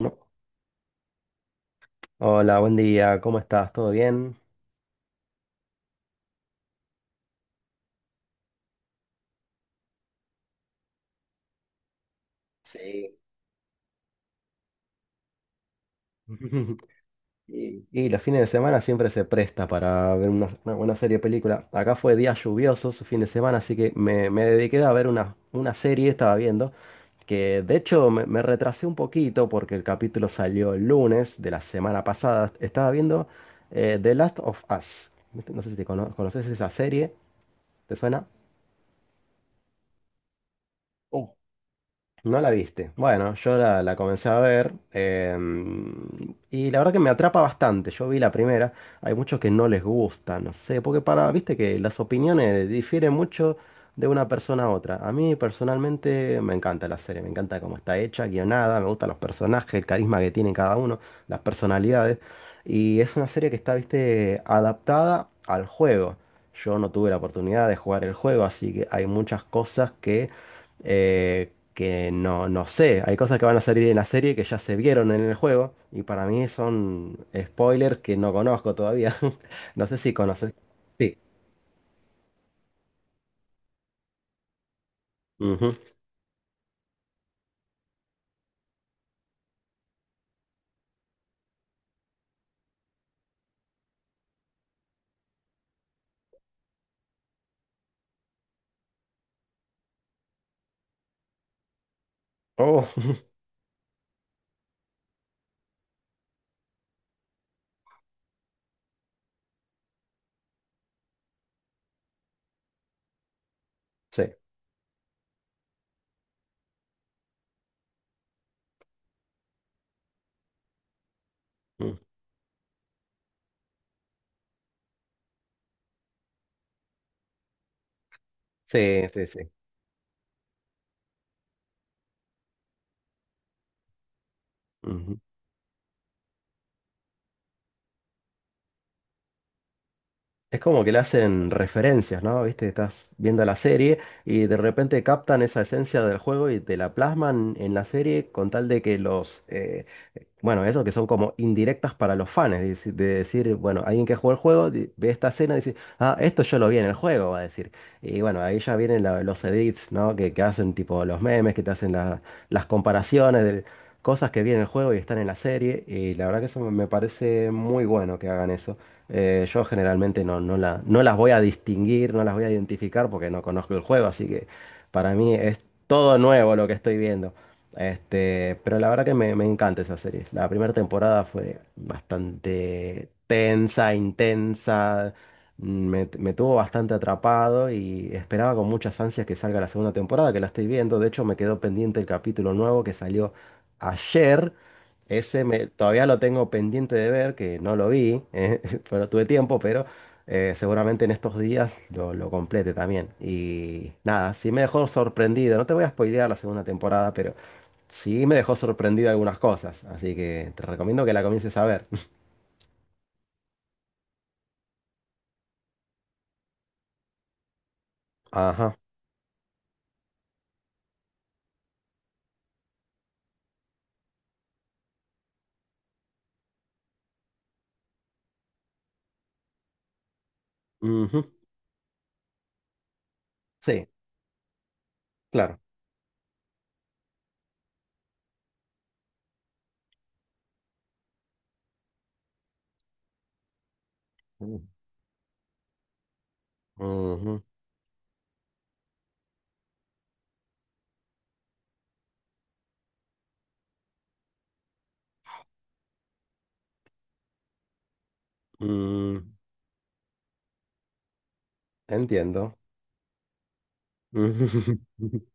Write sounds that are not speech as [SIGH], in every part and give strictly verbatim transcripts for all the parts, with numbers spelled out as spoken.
No. Hola, buen día, ¿cómo estás? ¿Todo bien? Sí. [LAUGHS] y Y los fines de semana siempre se presta para ver una, una buena serie o película. Acá fue día lluvioso su fin de semana, así que me, me dediqué a ver una, una serie, estaba viendo, que de hecho me, me retrasé un poquito porque el capítulo salió el lunes de la semana pasada. Estaba viendo eh, The Last of Us. No sé si te cono- conoces esa serie, ¿te suena? No la viste. Bueno, yo la, la comencé a ver, em, y la verdad que me atrapa bastante. Yo vi la primera. Hay muchos que no les gusta, no sé, porque para, viste que las opiniones difieren mucho de una persona a otra. A mí personalmente me encanta la serie, me encanta cómo está hecha, guionada, me gustan los personajes, el carisma que tiene cada uno, las personalidades. Y es una serie que está, viste, adaptada al juego. Yo no tuve la oportunidad de jugar el juego, así que hay muchas cosas que eh, que no, no sé, hay cosas que van a salir en la serie que ya se vieron en el juego y para mí son spoilers que no conozco todavía. [LAUGHS] No sé si conoces. Sí. Ujú. Oh. [LAUGHS] Sí. Mm. Sí, sí, sí. Ujú. Es como que le hacen referencias, ¿no? Viste, estás viendo la serie y de repente captan esa esencia del juego y te la plasman en la serie con tal de que los, eh, bueno, eso que son como indirectas para los fans, de, deci- de decir, bueno, alguien que jugó el juego di- ve esta escena y dice, ah, esto yo lo vi en el juego, va a decir. Y bueno, ahí ya vienen la- los edits, ¿no? Que, que hacen tipo los memes, que te hacen la- las comparaciones de cosas que vi en el juego y están en la serie y la verdad que eso me me parece muy bueno que hagan eso. Eh, yo generalmente no, no la- no las voy a distinguir, no las voy a identificar porque no conozco el juego, así que para mí es todo nuevo lo que estoy viendo. Este, pero la verdad que me, me encanta esa serie. La primera temporada fue bastante tensa, intensa, mm, me, me tuvo bastante atrapado y esperaba con muchas ansias que salga la segunda temporada, que la estoy viendo. De hecho, me quedó pendiente el capítulo nuevo que salió ayer, ese me- todavía lo tengo pendiente de ver, que no lo vi. [LAUGHS] Eh, pero tuve tiempo, pero eh, seguramente en estos días lo, lo complete también. Y nada, sí me dejó sorprendido. No te voy a spoilear la segunda temporada, pero sí me dejó sorprendido algunas cosas. Así que te recomiendo que la comiences a ver. [LAUGHS] Ajá. Ujú. Sí, claro. Ujú. Mm, entiendo. Ujú. [LAUGHS]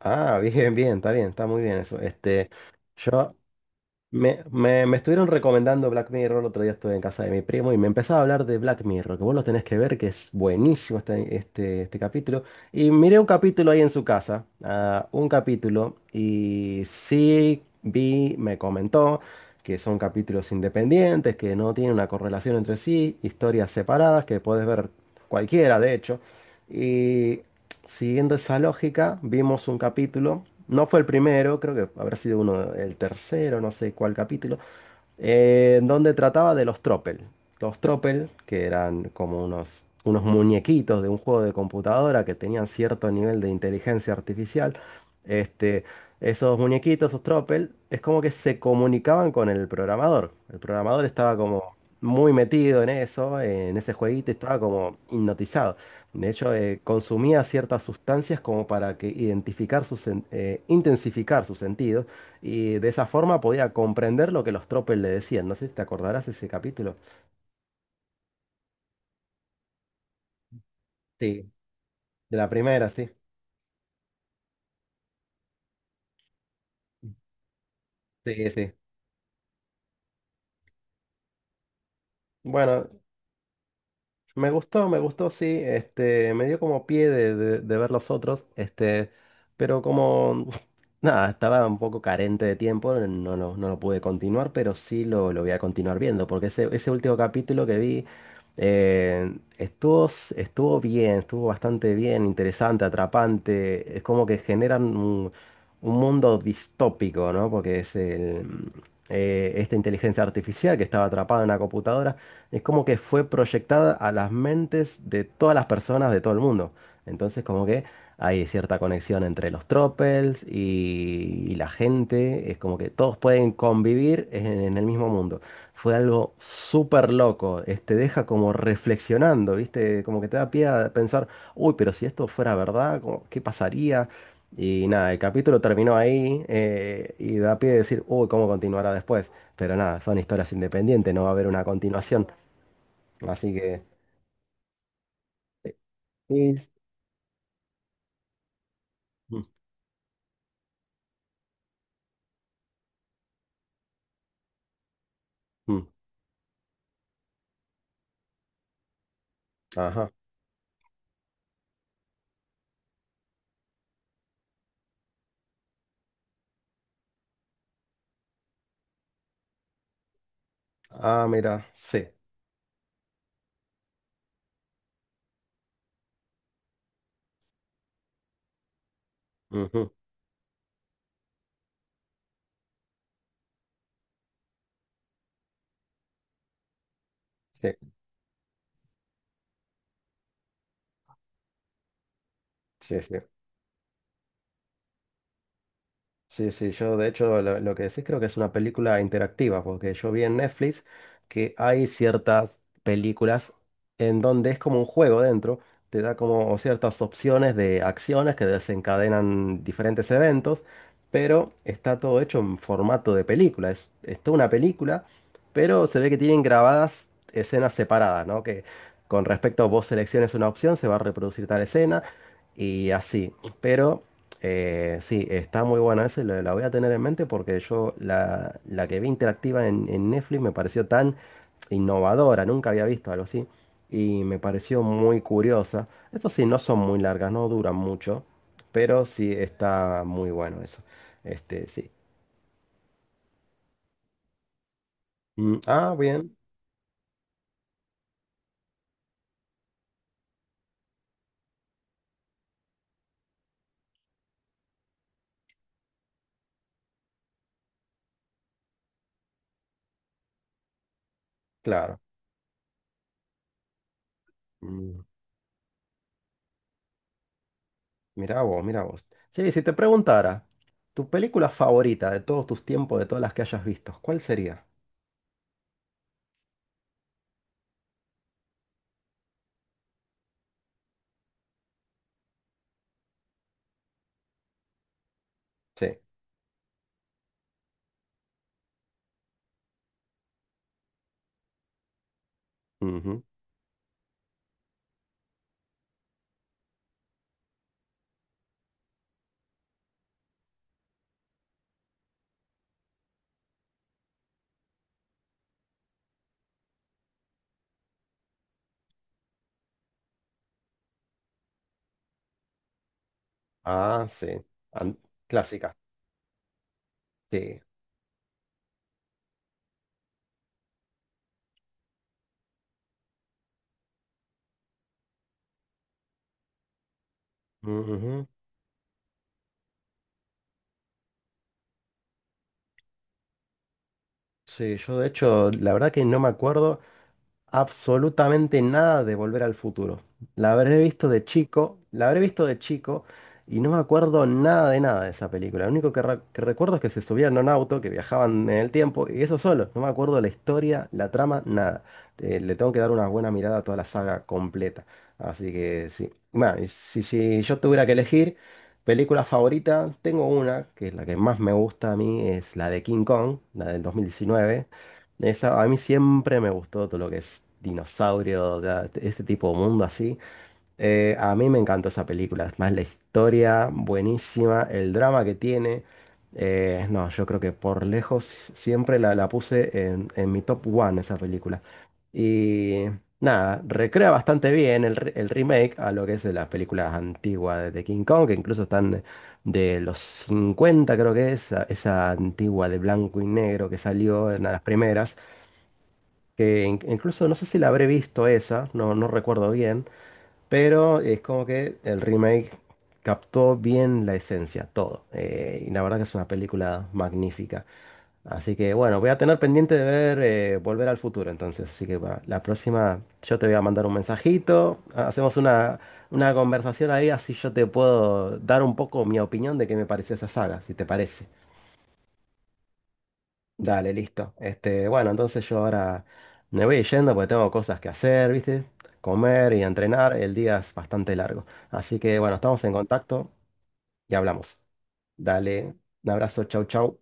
Ah, bien, bien, está bien, está muy bien eso. Este, yo Me, me, me estuvieron recomendando Black Mirror. El otro día estuve en casa de mi primo y me empezaba a hablar de Black Mirror, que vos lo tenés que ver, que es buenísimo este, este, este capítulo. Y miré un capítulo ahí en su casa, ah, un capítulo, y sí vi, me comentó que son capítulos independientes, que no tienen una correlación entre sí, historias separadas, que podés ver cualquiera, de hecho. y Siguiendo esa lógica, vimos un capítulo, no fue el primero, creo que habrá sido uno, el tercero, no sé cuál capítulo, eh, donde trataba de los Tropel. Los Tropel, que eran como unos, unos muñequitos de un juego de computadora que tenían cierto nivel de inteligencia artificial. Este, esos muñequitos, esos Tropel, es como que se comunicaban con el programador. El programador estaba como muy metido en eso, en ese jueguito, y estaba como hipnotizado. De hecho, eh, consumía ciertas sustancias como para que identificar sus, sen- eh, intensificar sus sentidos y de esa forma podía comprender lo que los tropes le decían. No sé si te acordarás ese capítulo. Sí, de la primera, sí. Sí, sí. Bueno, me gustó, me gustó, sí. Este, me dio como pie de, de- de ver los otros. Este, pero como [LAUGHS] nada, estaba un poco carente de tiempo, no, no, no lo pude continuar, pero sí lo, lo voy a continuar viendo. Porque ese, ese último capítulo que vi eh, estuvo, s- estuvo bien, estuvo bastante bien, interesante, atrapante. Es como que generan un, un mundo distópico, ¿no? Porque es el, eh, esta inteligencia artificial que estaba atrapada en una computadora es como que fue proyectada a las mentes de todas las personas de todo el mundo. Entonces, como que hay cierta conexión entre los tropels y, y la gente. Es como que todos pueden convivir en, en el mismo mundo. Fue algo súper loco. es- Te deja como reflexionando, ¿viste? Como que te da pie a pensar, uy, pero si esto fuera verdad, como, ¿qué pasaría? Y nada, el capítulo terminó ahí, eh, y da pie a decir, uy, ¿cómo continuará después? Pero nada, son historias independientes, no va a haber una continuación. Así que, is- mm. Mm. Ajá. Ah, mira, sí. Ujú. Sí, sí, sí. Sí, sí, yo de hecho lo, lo que decís creo que es una película interactiva, porque yo vi en Netflix que hay ciertas películas en donde es como un juego dentro, te da como ciertas opciones de acciones que desencadenan diferentes eventos, pero está todo hecho en formato de película, es, es toda una película, pero se ve que tienen grabadas escenas separadas, ¿no? Que con respecto a vos selecciones una opción, se va a reproducir tal escena y así, pero... Eh, sí, está muy buena esa, y la, la voy a tener en mente porque yo la, la que vi interactiva en, en Netflix me pareció tan innovadora, nunca había visto algo así y me pareció muy curiosa. Eso sí, no son muy largas, no duran mucho, pero sí está muy bueno eso. Este, sí. Mm, ah, bien, claro. Mm, mirá vos, mirá vos. Sí, si te preguntara, tu película favorita de todos tus tiempos, de todas las que hayas visto, ¿cuál sería? Sí. Ah, sí. An- Clásica. Sí. Ujú. Sí, yo de hecho, la verdad que no me acuerdo absolutamente nada de Volver al Futuro. La habré visto de chico, la habré visto de chico y no me acuerdo nada de nada de esa película. Lo único que, re- que recuerdo es que se subían a un auto, que viajaban en el tiempo y eso solo. No me acuerdo la historia, la trama, nada. Eh, le tengo que dar una buena mirada a toda la saga completa. Así que sí. Bueno, y si, si yo tuviera que elegir película favorita, tengo una, que es la que más me gusta a mí, es la de King Kong, la del dos mil diecinueve. Esa, a mí siempre me gustó todo lo que es dinosaurio, o sea, t- este tipo de mundo así. Eh, a mí me encantó esa película, es más la historia buenísima, el drama que tiene. Eh, no, yo creo que por lejos siempre la, la puse en, en mi top one esa película. Y nada, recrea bastante bien el, re- el remake a lo que es de las películas antiguas de King Kong, que incluso están de los cincuenta creo que es, esa esa antigua de blanco y negro que salió en las primeras que in- incluso no sé si la habré visto esa, no, no recuerdo bien, pero es como que el remake captó bien la esencia, todo. Eh, y la verdad que es una película magnífica. Así que bueno, voy a tener pendiente de ver, eh, Volver al Futuro entonces. Así que para la próxima yo te voy a mandar un mensajito, ha- hacemos una, una conversación ahí, así yo te puedo dar un poco mi opinión de qué me pareció esa saga, si te parece. Dale, listo. Este, bueno, entonces yo ahora me voy yendo porque tengo cosas que hacer, ¿viste? Comer y entrenar. El día es bastante largo. Así que bueno, estamos en contacto y hablamos. Dale, un abrazo, chau, chau.